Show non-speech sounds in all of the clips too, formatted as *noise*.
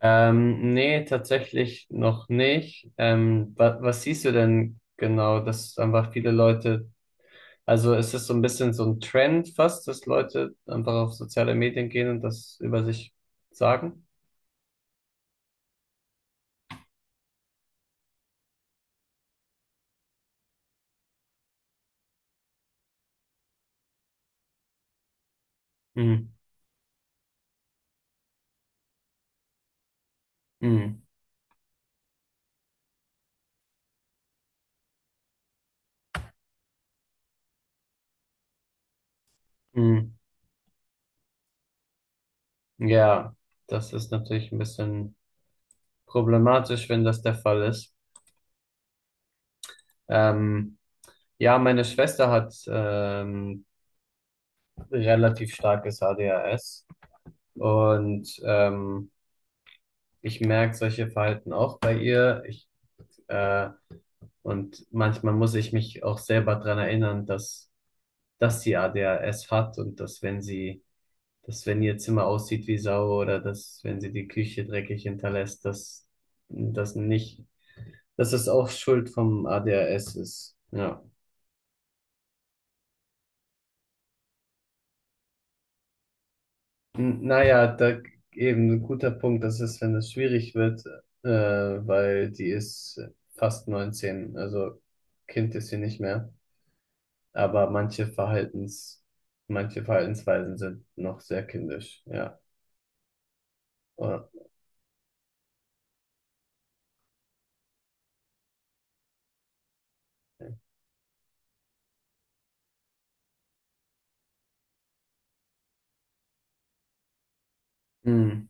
Nee, tatsächlich noch nicht. Wa Was siehst du denn genau, dass einfach viele Leute, also ist so ein bisschen so ein Trend fast, dass Leute einfach auf soziale Medien gehen und das über sich sagen? Mhm. Mhm. Mhm. Ja, das ist natürlich ein bisschen problematisch, wenn das der Fall ist. Ähm, ja, meine Schwester hat relativ starkes ADHS und ich merke solche Verhalten auch bei ihr. Äh, und manchmal muss ich mich auch selber dran erinnern, dass sie ADHS hat und dass wenn ihr Zimmer aussieht wie Sau oder dass wenn sie die Küche dreckig hinterlässt, dass das nicht, dass es auch Schuld vom ADHS ist. Ja. Naja, da eben ein guter Punkt, das ist, wenn es schwierig wird, weil die ist fast 19, also Kind ist sie nicht mehr. Aber manche Verhaltensweisen sind noch sehr kindisch, ja. Oder, hm.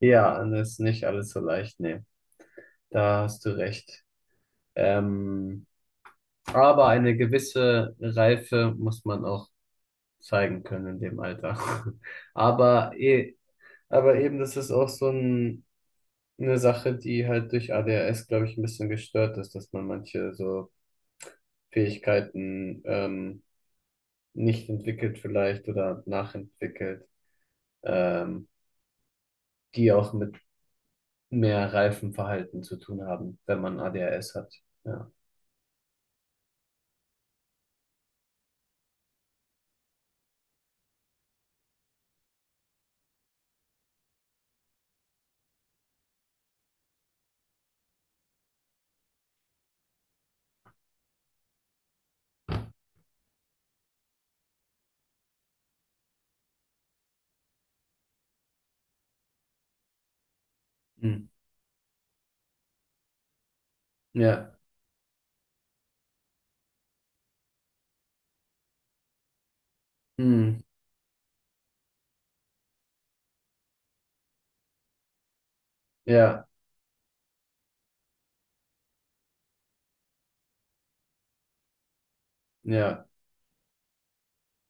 Ja, und das ist nicht alles so leicht, nee. Da hast du recht. Ähm, aber eine gewisse Reife muss man auch zeigen können in dem Alter. *laughs* Aber, eh, aber eben, das ist auch so eine Sache, die halt durch ADHS, glaube ich, ein bisschen gestört ist, dass man manche so Fähigkeiten nicht entwickelt vielleicht oder nachentwickelt, ähm, die auch mit mehr Reifenverhalten zu tun haben, wenn man ADHS hat. Ja. Hm. Ja. Hm. Ja. Ja.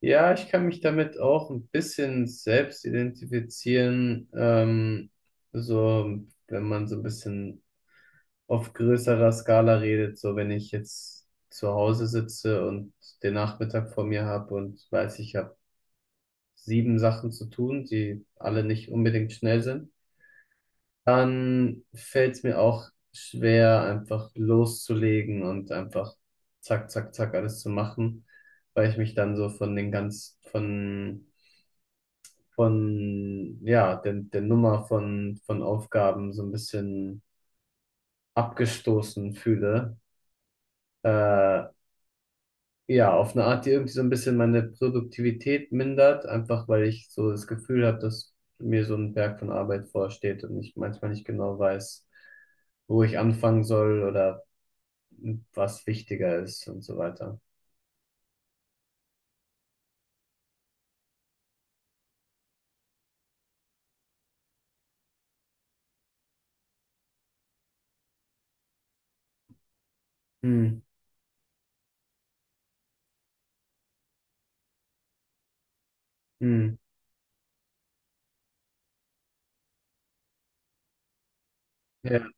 Ja, ich kann mich damit auch ein bisschen selbst identifizieren, so wenn man so ein bisschen auf größerer Skala redet, so wenn ich jetzt zu Hause sitze und den Nachmittag vor mir habe und weiß, ich habe sieben Sachen zu tun, die alle nicht unbedingt schnell sind. Dann fällt es mir auch schwer, einfach loszulegen und einfach zack, zack, zack alles zu machen, weil ich mich dann so von den ganz, von, ja, der Nummer von Aufgaben so ein bisschen abgestoßen fühle. Äh, ja, auf eine Art, die irgendwie so ein bisschen meine Produktivität mindert, einfach weil ich so das Gefühl habe, dass mir so ein Berg von Arbeit vorsteht und ich manchmal nicht genau weiß, wo ich anfangen soll oder was wichtiger ist und so weiter. Hm, hm. Ja,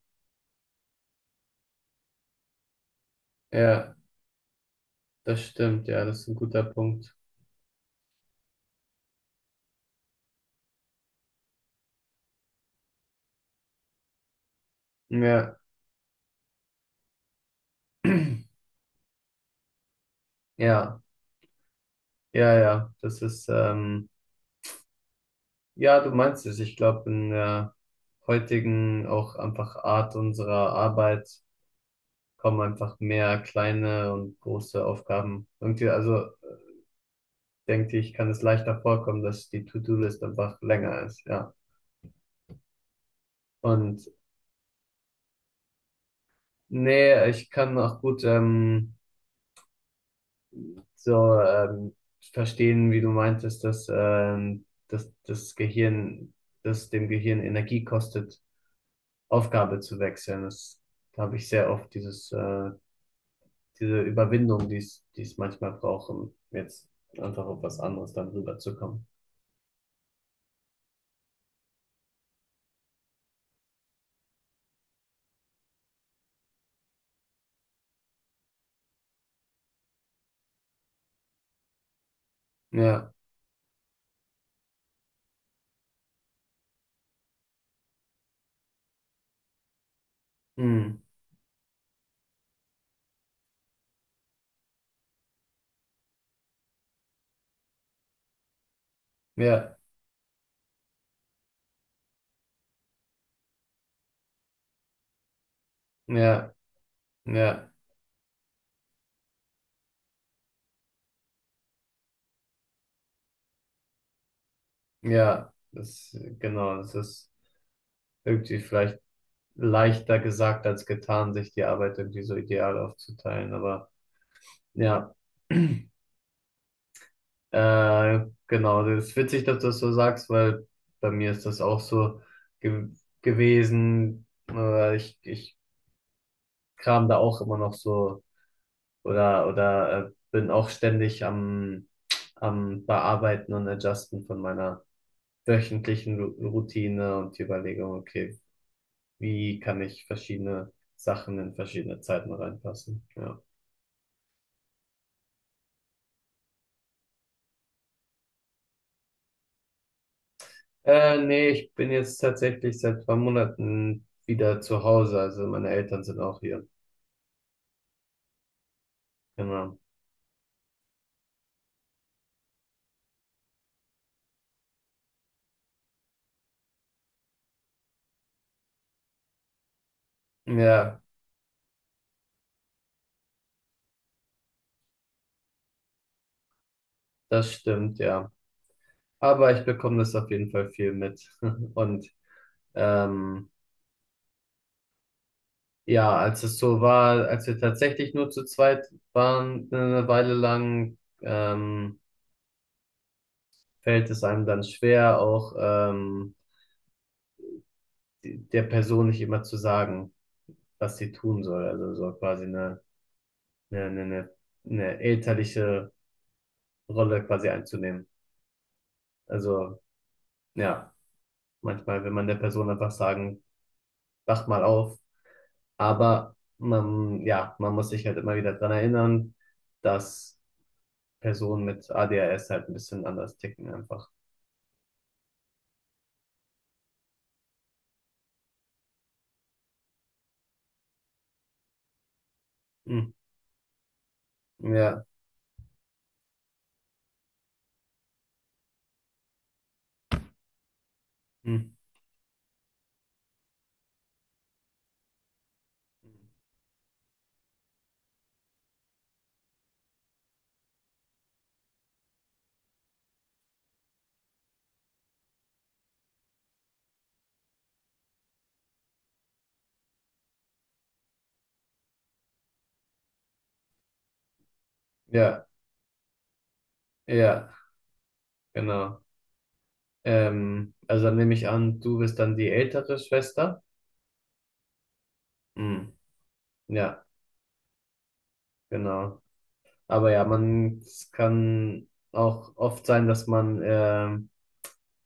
ja, das stimmt, ja, das ist ein guter Punkt. Ja, ja, ja, ja, ja, du meinst es. Ich glaube, in der heutigen auch einfach Art unserer Arbeit kommen einfach mehr kleine und große Aufgaben. Irgendwie, also denke ich, kann es leichter vorkommen, dass die To-Do-List einfach länger ist, ja. Und nee, ich kann auch gut, so ähm, verstehen, wie du meintest, dass dass dem Gehirn Energie kostet, Aufgabe zu wechseln. Das Da habe ich sehr oft diese Überwindung, die es manchmal braucht, um jetzt einfach auf was anderes dann rüberzukommen. Ja, hm, ja, ja, ja, ja, genau, das ist irgendwie vielleicht leichter gesagt als getan, sich die Arbeit irgendwie so ideal aufzuteilen, aber ja. *clears throat* Genau, das ist witzig, dass du das so sagst, weil bei mir ist das auch so ge gewesen. Ich kram da auch immer noch so oder bin auch ständig am Bearbeiten und Adjusten von meiner wöchentlichen Ru Routine und die Überlegung, okay, wie kann ich verschiedene Sachen in verschiedene Zeiten reinpassen? Ja. Nee, ich bin jetzt tatsächlich seit 2 Monaten wieder zu Hause, also meine Eltern sind auch hier. Genau. Ja, das stimmt, ja. Aber ich bekomme das auf jeden Fall viel mit. *laughs* Und ähm, ja, als es so war, als wir tatsächlich nur zu zweit waren, eine Weile lang, fällt es einem dann schwer, auch der Person nicht immer zu sagen, was sie tun soll. Also so quasi eine, eine, eine eine elterliche Rolle quasi einzunehmen. Also ja, manchmal will man der Person einfach sagen, wach mal auf. Aber man, ja, man muss sich halt immer wieder dran erinnern, dass Personen mit ADHS halt ein bisschen anders ticken einfach. Hm. Ja, hm. Ja, ja, genau. Also dann nehme ich an, du bist dann die ältere Schwester. Hm. Ja, genau. Aber ja, es kann auch oft sein, dass man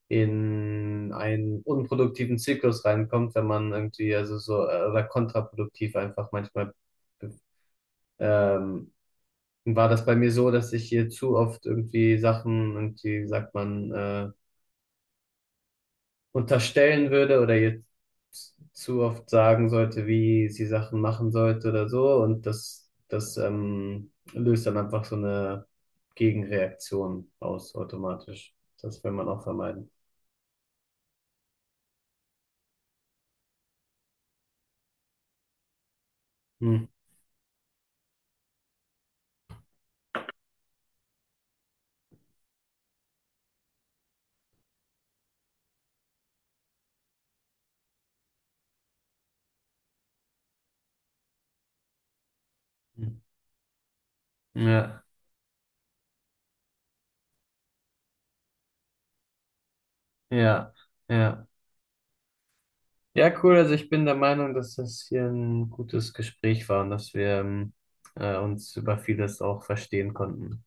in einen unproduktiven Zyklus reinkommt, wenn man irgendwie, also so, oder kontraproduktiv einfach manchmal. Ähm, War das bei mir so, dass ich hier zu oft irgendwie Sachen und die sagt man unterstellen würde oder jetzt zu oft sagen sollte, wie sie Sachen machen sollte oder so und das löst dann einfach so eine Gegenreaktion aus automatisch. Das will man auch vermeiden. Hm. Ja, ja, ja. Ja, cool. Also ich bin der Meinung, dass das hier ein gutes Gespräch war und dass wir uns über vieles auch verstehen konnten.